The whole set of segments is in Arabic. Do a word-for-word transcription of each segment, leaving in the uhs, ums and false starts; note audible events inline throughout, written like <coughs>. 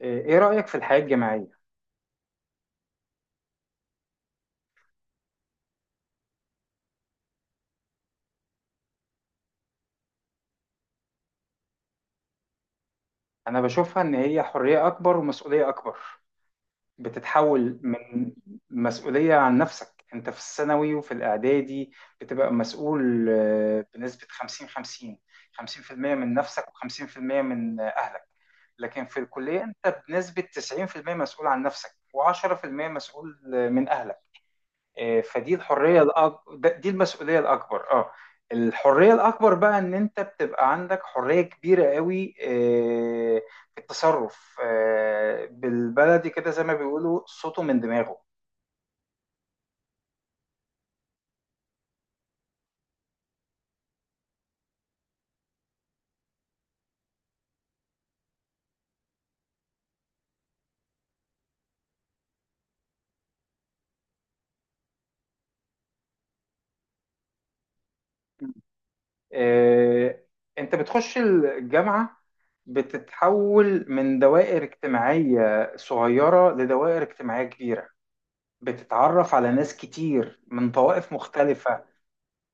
ايه رأيك في الحياة الجماعية؟ انا بشوفها ان هي حرية اكبر ومسؤولية اكبر بتتحول من مسؤولية عن نفسك انت في الثانوي وفي الاعدادي بتبقى مسؤول آه، بنسبة خمسين خمسين. خمسين في المية من نفسك و50% من آه، اهلك. لكن في الكلية انت بنسبة تسعين في المية مسؤول عن نفسك و10% مسؤول آه، من اهلك. آه، فدي الحريه الأك... ده- دي المسؤوليه الاكبر اه الحريه الاكبر بقى ان انت بتبقى عندك حريه كبيره قوي آه، في التصرف آه، بالبلدي كده زي ما بيقولوا صوته من دماغه. آه، انت بتخش الجامعه، بتتحول من دوائر اجتماعيه صغيره لدوائر اجتماعيه كبيره. بتتعرف على ناس كتير من طوائف مختلفه،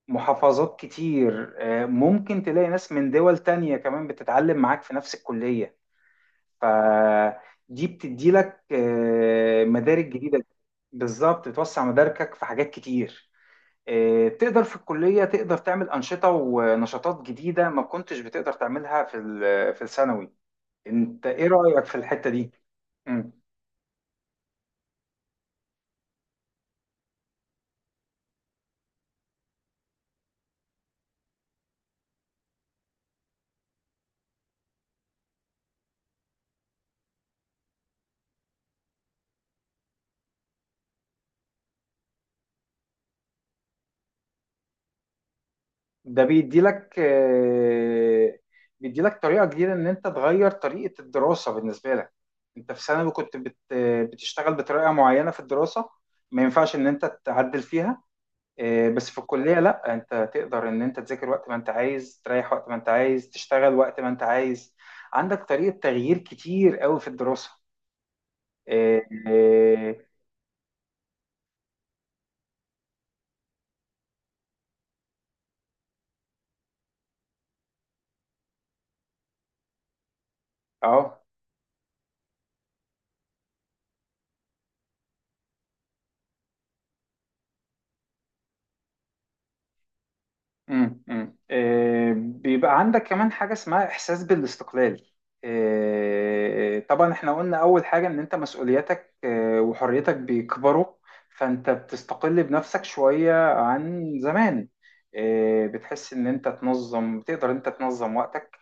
محافظات كتير. آه، ممكن تلاقي ناس من دول تانية كمان بتتعلم معاك في نفس الكلية. فدي بتدي لك آه، مدارك جديدة. بالظبط بتوسع مداركك في حاجات كتير. آه، تقدر في الكلية، تقدر تعمل أنشطة ونشاطات جديدة ما كنتش بتقدر تعملها في ال- في الثانوي. انت ايه رأيك في الحتة دي؟ ده بيديلك، آه، بيديلك طريقة جديدة إن أنت تغير طريقة الدراسة بالنسبة لك. أنت في ثانوي كنت بت بتشتغل بطريقة معينة في الدراسة، ما ينفعش إن أنت تعدل فيها. آه، بس في الكلية لأ، أنت تقدر إن أنت تذاكر وقت ما أنت عايز، تريح وقت ما أنت عايز، تشتغل وقت ما أنت عايز. عندك طريقة تغيير كتير قوي في الدراسة. آه، آه آه. امم امم آه، بيبقى عندك كمان حاجة اسمها إحساس بالاستقلال. آه، طبعا احنا قلنا أول حاجة إن أنت مسؤولياتك آه، وحريتك بيكبروا. فأنت بتستقل بنفسك شوية عن زمان. آه، بتحس إن أنت تنظم، بتقدر أنت تنظم وقتك.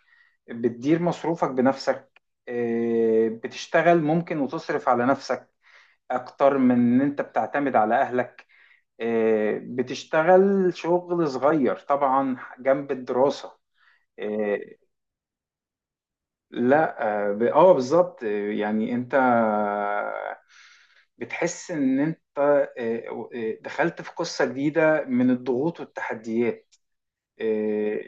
بتدير مصروفك بنفسك. آه، بتشتغل ممكن وتصرف على نفسك أكتر من إن أنت بتعتمد على أهلك. آه، بتشتغل شغل صغير طبعا جنب الدراسة. آه، لا. اه ب- آه، بالظبط. آه، يعني انت بتحس ان انت آه، آه، دخلت في قصة جديدة من الضغوط والتحديات. آه،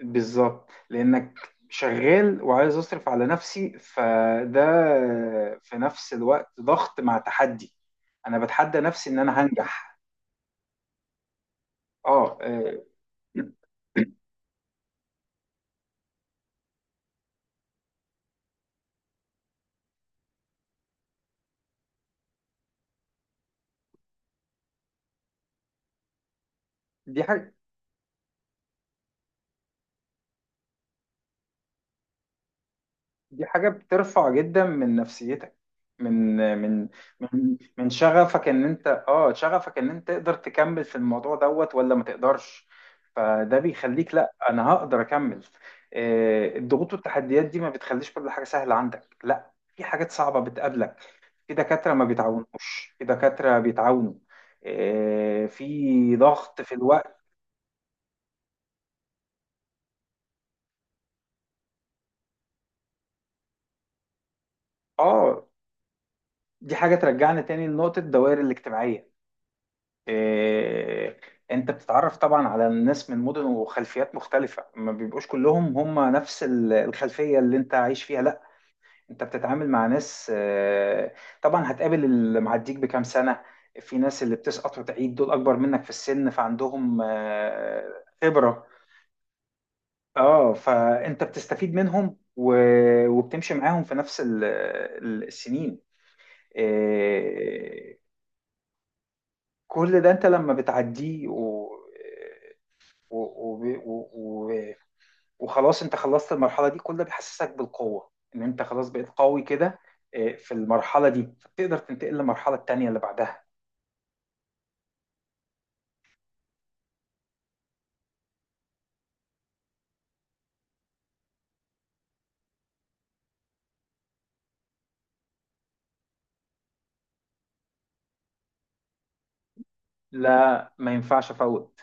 بالظبط لانك شغال وعايز اصرف على نفسي، فده في نفس الوقت ضغط مع تحدي. انا بتحدى نفسي ان انا هنجح. اه آه، <clears throat> دي حاجة دي حاجة بترفع جدا من نفسيتك، من من من من شغفك ان انت اه شغفك ان انت تقدر تكمل في الموضوع دوت ولا ما تقدرش. فده بيخليك، لا انا هقدر اكمل. آه، الضغوط والتحديات دي ما بتخليش كل حاجة سهلة عندك، لا في حاجات صعبة بتقابلك. في دكاترة ما بيتعاونوش، في دكاترة بيتعاونوا. آه، في ضغط في الوقت. اه دي حاجة ترجعنا تاني لنقطة الدوائر الاجتماعية. إيه، انت بتتعرف طبعا على الناس من مدن وخلفيات مختلفة، ما بيبقوش كلهم هم نفس ال- الخلفية اللي انت عايش فيها، لا. انت بتتعامل مع ناس. آه، طبعا هتقابل اللي معديك بكام سنة. في ناس اللي بتسقط وتعيد، دول اكبر منك في السن، فعندهم آه، خبرة. اه فانت بتستفيد منهم و- وبتمشي معاهم في نفس ال- ال- السنين. إيه، كل ده انت لما بتعديه، و- وب- و- و- وخلاص انت خلصت المرحله دي كلها، بيحسسك بالقوه ان انت خلاص بقيت قوي كده. اه، في المرحله دي فبتقدر تنتقل للمرحله التانيه اللي بعدها. لا، ما ينفعش افوت،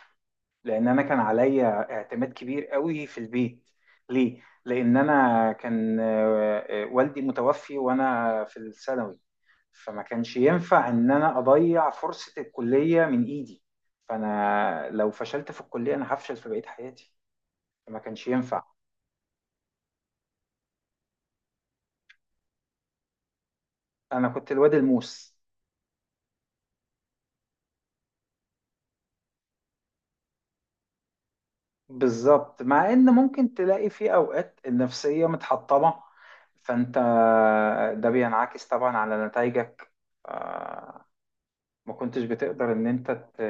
لان انا كان عليا اعتماد كبير قوي في البيت. ليه؟ لان انا كان اه، اه، والدي متوفي وانا في الثانوي، فما كانش ينفع ان انا اضيع فرصه الكليه من ايدي. فانا لو فشلت في الكليه انا هفشل في بقيه حياتي، فما كانش ينفع. انا كنت الواد الموس. بالظبط، مع ان ممكن تلاقي في اوقات النفسية متحطمة، فانت ده بينعكس طبعا على نتائجك. آه، ما كنتش بتقدر ان انت ت-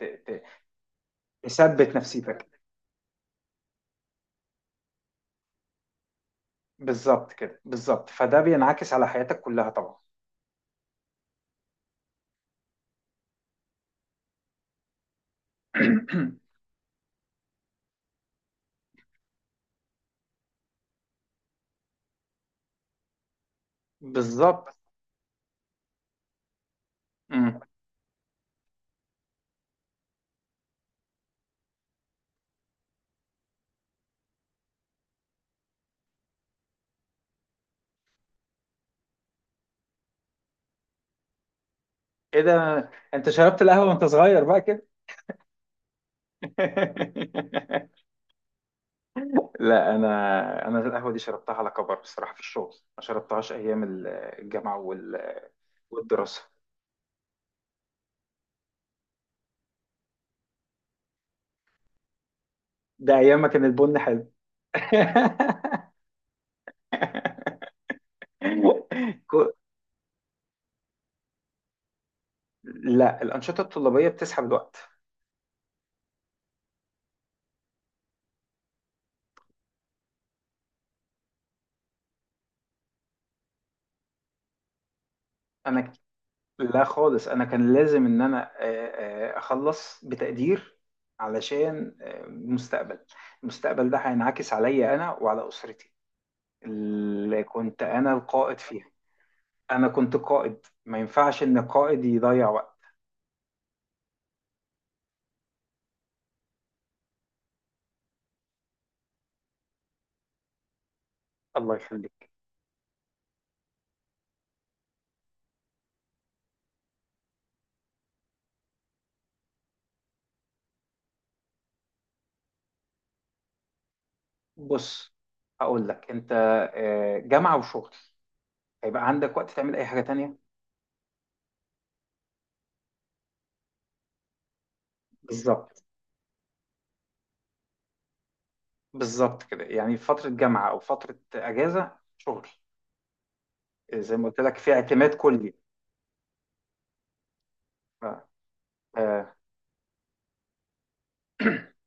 ت- ت- تثبت نفسيتك. بالظبط كده، بالظبط، فده بينعكس على حياتك كلها طبعا. <coughs> <clears throat> بالظبط. مم. ايه ده، انت شربت القهوة وانت صغير بقى كده؟ <laughs> لا، انا انا القهوه دي شربتها على كبر بصراحه، في الشغل. ما شربتهاش ايام ال- الجامعه وال- والدراسه. ده ايام ما كان البن حلو. <laughs> كو- لا، الانشطه الطلابيه بتسحب الوقت. انا ك- لا خالص، انا كان لازم ان انا آه، آه، اخلص بتقدير، علشان آه، المستقبل المستقبل ده هينعكس عليا انا وعلى اسرتي اللي كنت انا القائد فيها. انا كنت قائد، ما ينفعش ان القائد يضيع وقت. الله يخليك. بص، هقول لك انت، آه، جامعة وشغل، هيبقى عندك وقت تعمل اي حاجة تانية؟ بالظبط، بالظبط كده، يعني فترة جامعة او فترة اجازة، شغل. آه، زي ما قلت لك، في اعتماد كلي. ف- آه، <clears throat>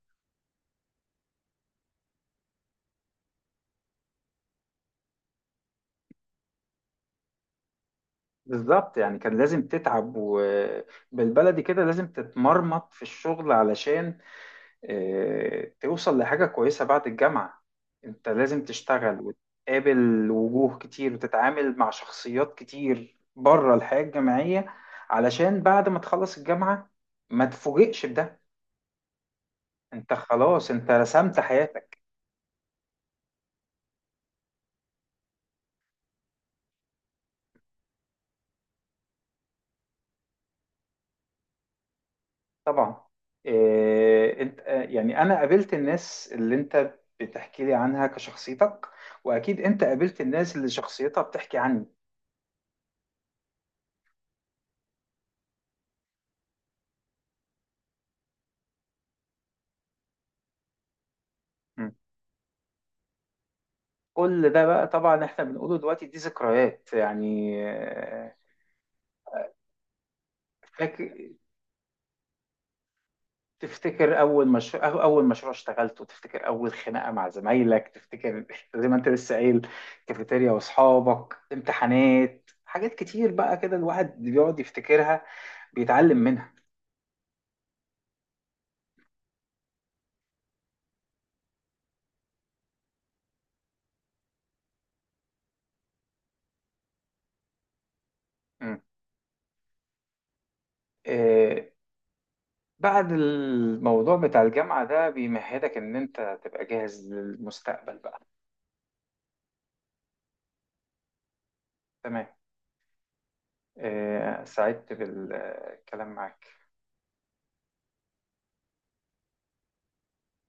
بالظبط، يعني كان لازم تتعب، وبالبلدي كده لازم تتمرمط في الشغل علشان آه، توصل لحاجة كويسة بعد الجامعة. انت لازم تشتغل وتقابل وجوه كتير وتتعامل مع شخصيات كتير بره الحياة الجامعية، علشان بعد ما تخلص الجامعة ما تفوجئش بده. انت خلاص انت رسمت حياتك. طبعا، آه، انت آه، يعني انا قابلت الناس اللي انت بتحكي لي عنها كشخصيتك، واكيد انت قابلت الناس اللي شخصيتها بتحكي عني. م. كل ده بقى طبعا احنا بنقوله دلوقتي، دي ذكريات يعني. آه، فاكر، تفتكر اول مشروع اول مشروع اشتغلته، تفتكر اول خناقه مع زمايلك، تفتكر <laughs> زي ما انت لسه قايل، كافيتيريا واصحابك، امتحانات، حاجات كتير بقى كده الواحد بيقعد يفتكرها، بيتعلم منها. مم. آه بعد الموضوع بتاع الجامعه ده بيمهدك ان انت تبقى جاهز للمستقبل بقى. تمام. آه سعدت بالكلام معاك.